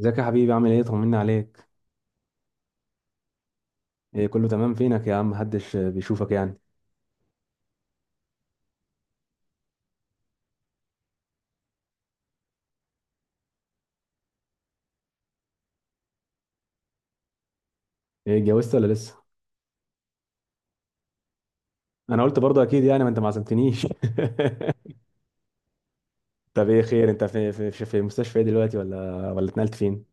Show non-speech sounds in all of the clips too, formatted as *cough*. ازيك يا حبيبي، عامل ايه؟ طمنا عليك. ايه كله تمام؟ فينك يا عم؟ محدش بيشوفك يعني. ايه اتجوزت ولا لسه؟ انا قلت برضه، اكيد يعني، ما انت ما عزمتنيش. *laughs* طب ايه خير؟ انت في مستشفى ايه دلوقتي؟ ولا اتنقلت فين؟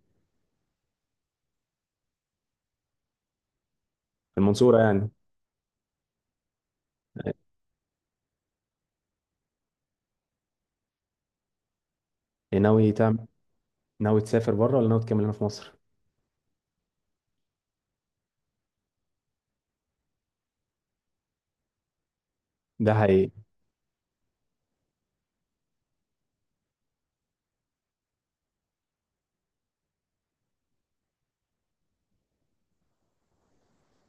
في المنصورة يعني؟ ايه ناوي تعمل؟ ناوي تسافر بره ولا ناوي تكمل هنا في مصر؟ ده حقيقي.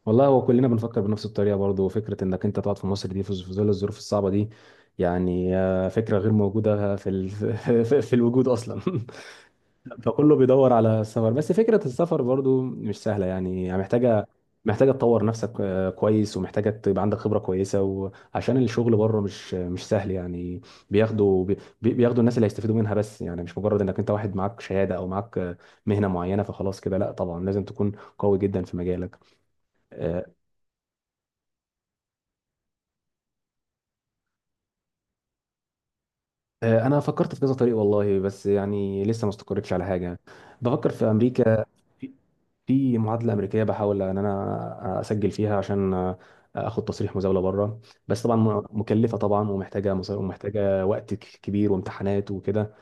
والله هو كلنا بنفكر بنفس الطريقة برضه. فكرة انك انت تقعد في مصر دي، في ظل الظروف الصعبة دي، يعني فكرة غير موجودة في ال... *laughs* في الوجود اصلا. *laughs* فكله بيدور على السفر، بس فكرة السفر برضو مش سهلة يعني. يعني محتاجة تطور نفسك كويس، ومحتاجة تبقى عندك خبرة كويسة، وعشان الشغل بره مش سهل يعني. بياخدوا بي- بياخدوا الناس اللي هيستفيدوا منها، بس يعني مش مجرد انك انت واحد معاك شهادة او معاك مهنة معينة فخلاص كده. لا طبعا لازم تكون قوي جدا في مجالك. آه، انا فكرت في كذا طريق والله، بس يعني لسه ما استقرتش على حاجة. بفكر في امريكا. في معادله امريكيه بحاول ان انا اسجل فيها عشان اخد تصريح مزاوله بره. بس طبعا مكلفه طبعا، ومحتاجه مصاري، ومحتاجه وقت كبير وامتحانات وكده.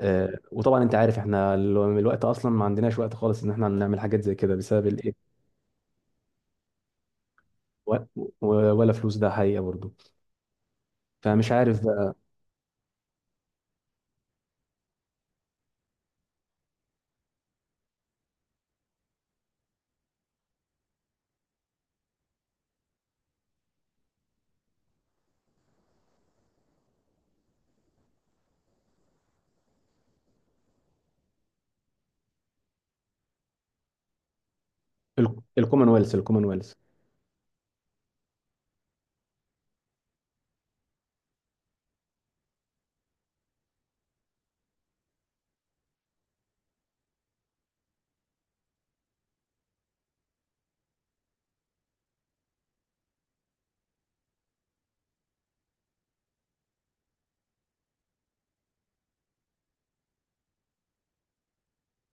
وطبعا انت عارف احنا الوقت اصلا ما عندناش وقت خالص ان احنا نعمل حاجات زي كده، بسبب الايه. و- ولا فلوس، ده حقيقه برضو. فمش عارف بقى. الكومنولث الكومنولث.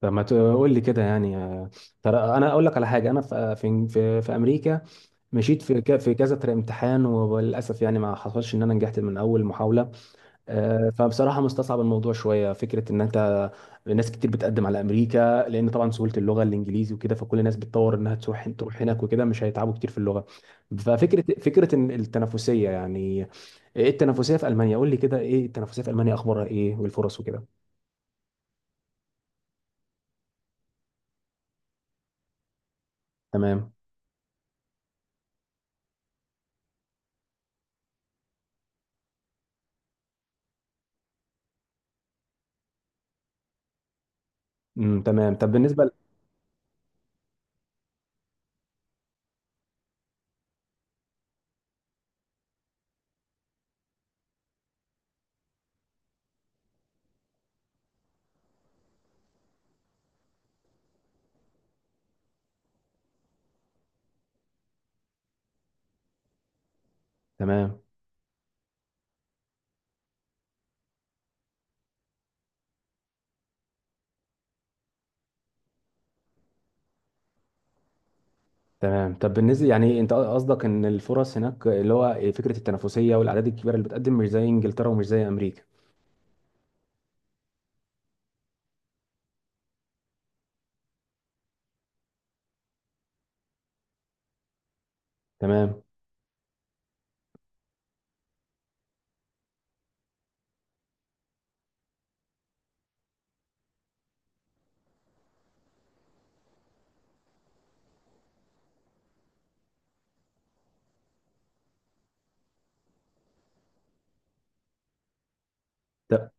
فما تقول لي كده يعني ترى انا اقول لك على حاجه. انا في امريكا مشيت في في كذا امتحان، وللاسف يعني ما حصلش ان انا نجحت من اول محاوله. فبصراحه مستصعب الموضوع شويه. فكره ان انت ناس كتير بتقدم على امريكا، لان طبعا سهوله اللغه الانجليزي وكده، فكل الناس بتطور انها تروح هناك وكده، مش هيتعبوا كتير في اللغه. ففكره إن التنافسيه يعني، ايه التنافسيه في المانيا؟ قول لي كده، ايه التنافسيه في المانيا، اخبارها ايه والفرص وكده؟ تمام. امم، تمام. طب بالنسبه تمام. تمام، طب بالنسبه يعني انت قصدك ان الفرص هناك، اللي هو فكره التنافسيه والاعداد الكبيره اللي بتقدم، مش زي انجلترا ومش زي امريكا؟ تمام. طب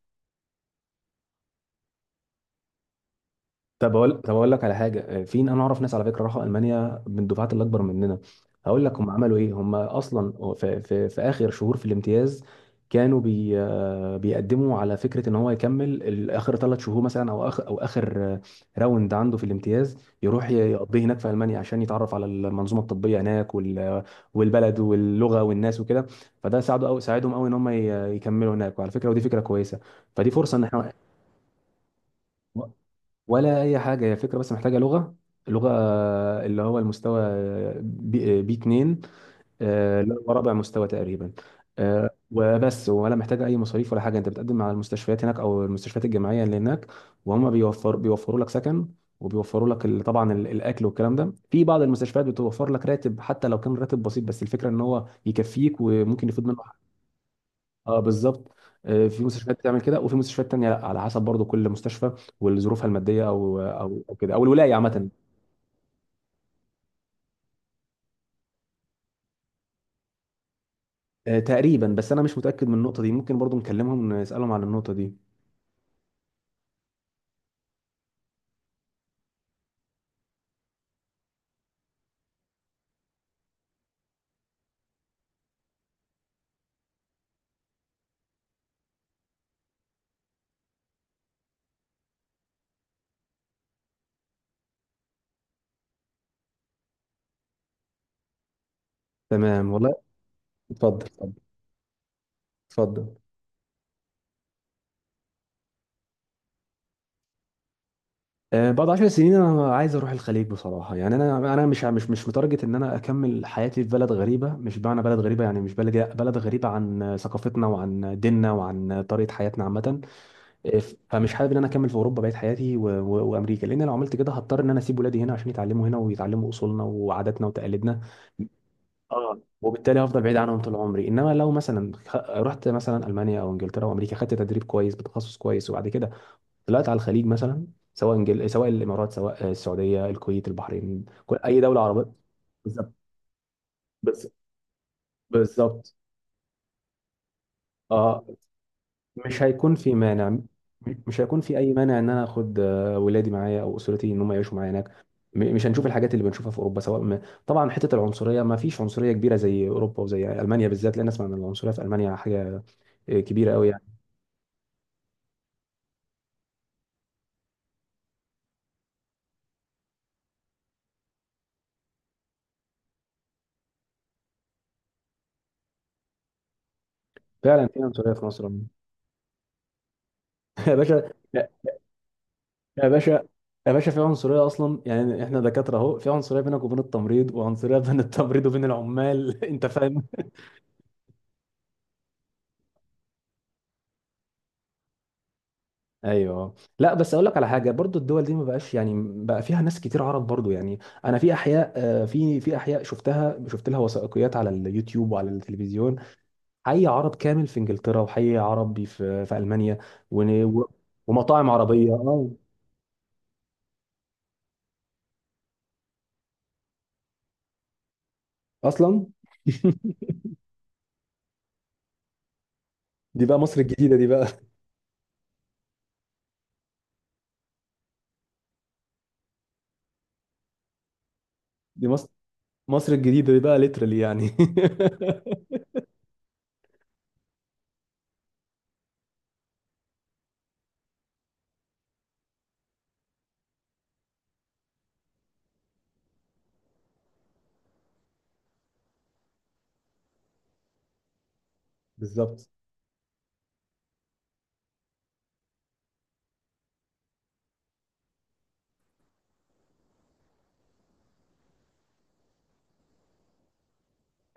طب اقول لك على حاجه، في انا اعرف ناس على فكره راحوا المانيا من الدفعات اللي اكبر مننا. هقول لك هم عملوا ايه. هم اصلا في اخر شهور في الامتياز كانوا بي آه، بيقدموا على فكره ان هو يكمل اخر ثلاث شهور مثلا، او اخر او اخر راوند عنده في الامتياز، يروح يقضيه هناك في المانيا، عشان يتعرف على المنظومه الطبيه هناك وال والبلد واللغه والناس وكده. فده ساعده أو ساعدهم قوي ان يكملوا هناك، وعلى فكره ودي فكره كويسه. فدي فرصه ان احنا ولا اي حاجه، هي فكره بس محتاجه لغه. اللغه اللي هو المستوى بي 2، اللي هو رابع مستوى تقريبا. وبس، ولا محتاجه اي مصاريف ولا حاجه. انت بتقدم على المستشفيات هناك او المستشفيات الجامعيه اللي هناك، وهم بيوفروا لك سكن، وبيوفروا لك طبعا الاكل والكلام ده. في بعض المستشفيات بتوفر لك راتب، حتى لو كان راتب بسيط، بس الفكره ان هو يكفيك وممكن يفيد منه. اه بالظبط. في مستشفيات بتعمل كده، وفي مستشفيات تانية لا، على حسب برضو كل مستشفى وظروفها المادية او كده، او الولاية عامة. تقريبا، بس انا مش متأكد من النقطة دي. ممكن برضو نكلمهم نسألهم عن النقطة دي. تمام والله. اتفضل، اتفضل، اتفضل. بعد 10 سنين انا عايز اروح الخليج بصراحة يعني. انا انا مش متارجت ان انا اكمل حياتي في بلد غريبة. مش معنى بلد غريبة يعني، مش بلد غريبة عن ثقافتنا وعن ديننا وعن طريقة حياتنا عامة. فمش حابب ان انا اكمل في اوروبا بقيت حياتي وامريكا، لان لو عملت كده هضطر ان انا اسيب ولادي هنا عشان يتعلموا هنا ويتعلموا اصولنا وعاداتنا وتقاليدنا. اه، وبالتالي هفضل بعيد عنهم طول عمري. انما لو مثلا رحت مثلا المانيا او انجلترا او امريكا، خدت تدريب كويس بتخصص كويس، وبعد كده طلعت على الخليج مثلا، سواء انجل... سواء الامارات سواء السعوديه، الكويت، البحرين، كل اي دوله عربيه. بالظبط. بس- بالظبط. اه، مش هيكون في مانع مش هيكون في اي مانع ان انا اخد ولادي معايا او اسرتي ان هم يعيشوا معايا هناك. مش هنشوف الحاجات اللي بنشوفها في اوروبا، سواء ما طبعا حته العنصريه. ما فيش عنصريه كبيره زي اوروبا وزي المانيا بالذات، لان اسمع ان العنصريه في المانيا حاجه كبيره قوي يعني. فعلا في عنصريه في مصر. *laughs* يا باشا، يا باشا، يا باشا، في عنصريه اصلا يعني. احنا دكاتره اهو، في عنصريه بينك وبين التمريض، وعنصريه بين التمريض وبين العمال. *laughs* انت فاهم. ايوه. لا بس اقول لك على حاجه برضو، الدول دي ما بقاش يعني، بقى فيها ناس كتير عرب برضو يعني. انا في احياء في احياء شفتها، شفت لها وثائقيات على اليوتيوب وعلى التلفزيون. حي عرب كامل في انجلترا، وحي عربي في المانيا، ون- و- ومطاعم عربيه. اه، اصلا. *laughs* دي بقى مصر الجديده دي بقى. دي مصر، مصر الجديده دي بقى ليترالي يعني. *laughs* بالظبط.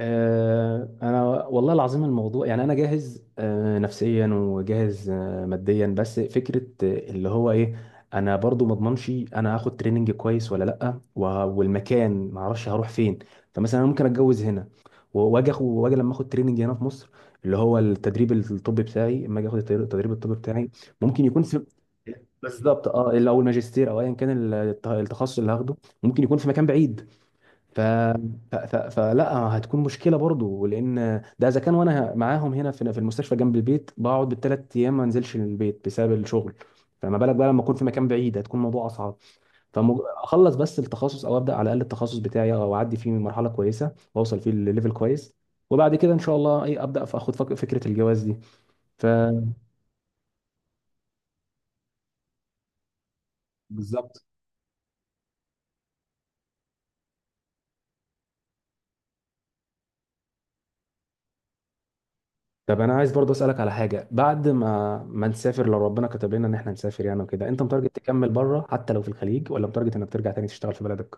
انا والله العظيم، الموضوع يعني انا جاهز نفسيا، وجاهز ماديا، بس فكره اللي هو ايه، انا برضو ما اضمنش انا هاخد تريننج كويس ولا لا، والمكان ما اعرفش هروح فين. فمثلا انا ممكن اتجوز هنا واجي واجي لما اخد تريننج هنا في مصر، اللي هو التدريب الطبي بتاعي. اما اجي اخد التدريب الطبي بتاعي ممكن يكون في، بالظبط. اه، او الماجستير او ايا كان التخصص اللي هاخده، ممكن يكون في مكان بعيد. ف... فلا هتكون مشكله برضو، لان ده اذا كان وانا معاهم هنا في المستشفى جنب البيت، بقعد بالثلاث ايام ما انزلش البيت بسبب الشغل، فما بالك بقى لما اكون في مكان بعيد، هتكون الموضوع اصعب. فاخلص بس التخصص، او ابدا على الاقل التخصص بتاعي، او اعدي فيه من مرحله كويسه واوصل فيه لليفل كويس، وبعد كده ان شاء الله ايه ابدا فاخد فكره الجواز دي. ف، بالظبط. طب انا عايز برضه اسالك على حاجه. بعد ما نسافر، لو ربنا كتب لنا ان احنا نسافر يعني وكده، انت متارجت تكمل بره حتى لو في الخليج، ولا متارجت انك ترجع تاني تشتغل في بلدك؟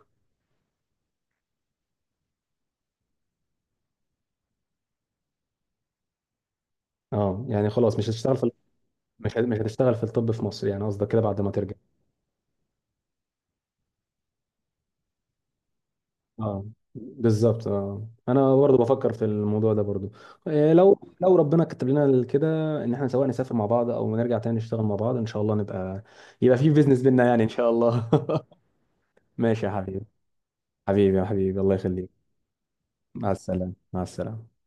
اه، يعني خلاص مش هتشتغل في، مش هتشتغل في الطب في مصر يعني، قصدك كده بعد ما ترجع؟ اه، بالظبط. اه، انا برضه بفكر في الموضوع ده برضه. إيه لو لو ربنا كتب لنا كده ان احنا سواء نسافر مع بعض او نرجع تاني نشتغل مع بعض، ان شاء الله نبقى، يبقى في بيزنس بينا يعني ان شاء الله. *laughs* ماشي يا حبيبي. حبيبي يا حبيبي، الله يخليك. مع السلامه، مع السلامه.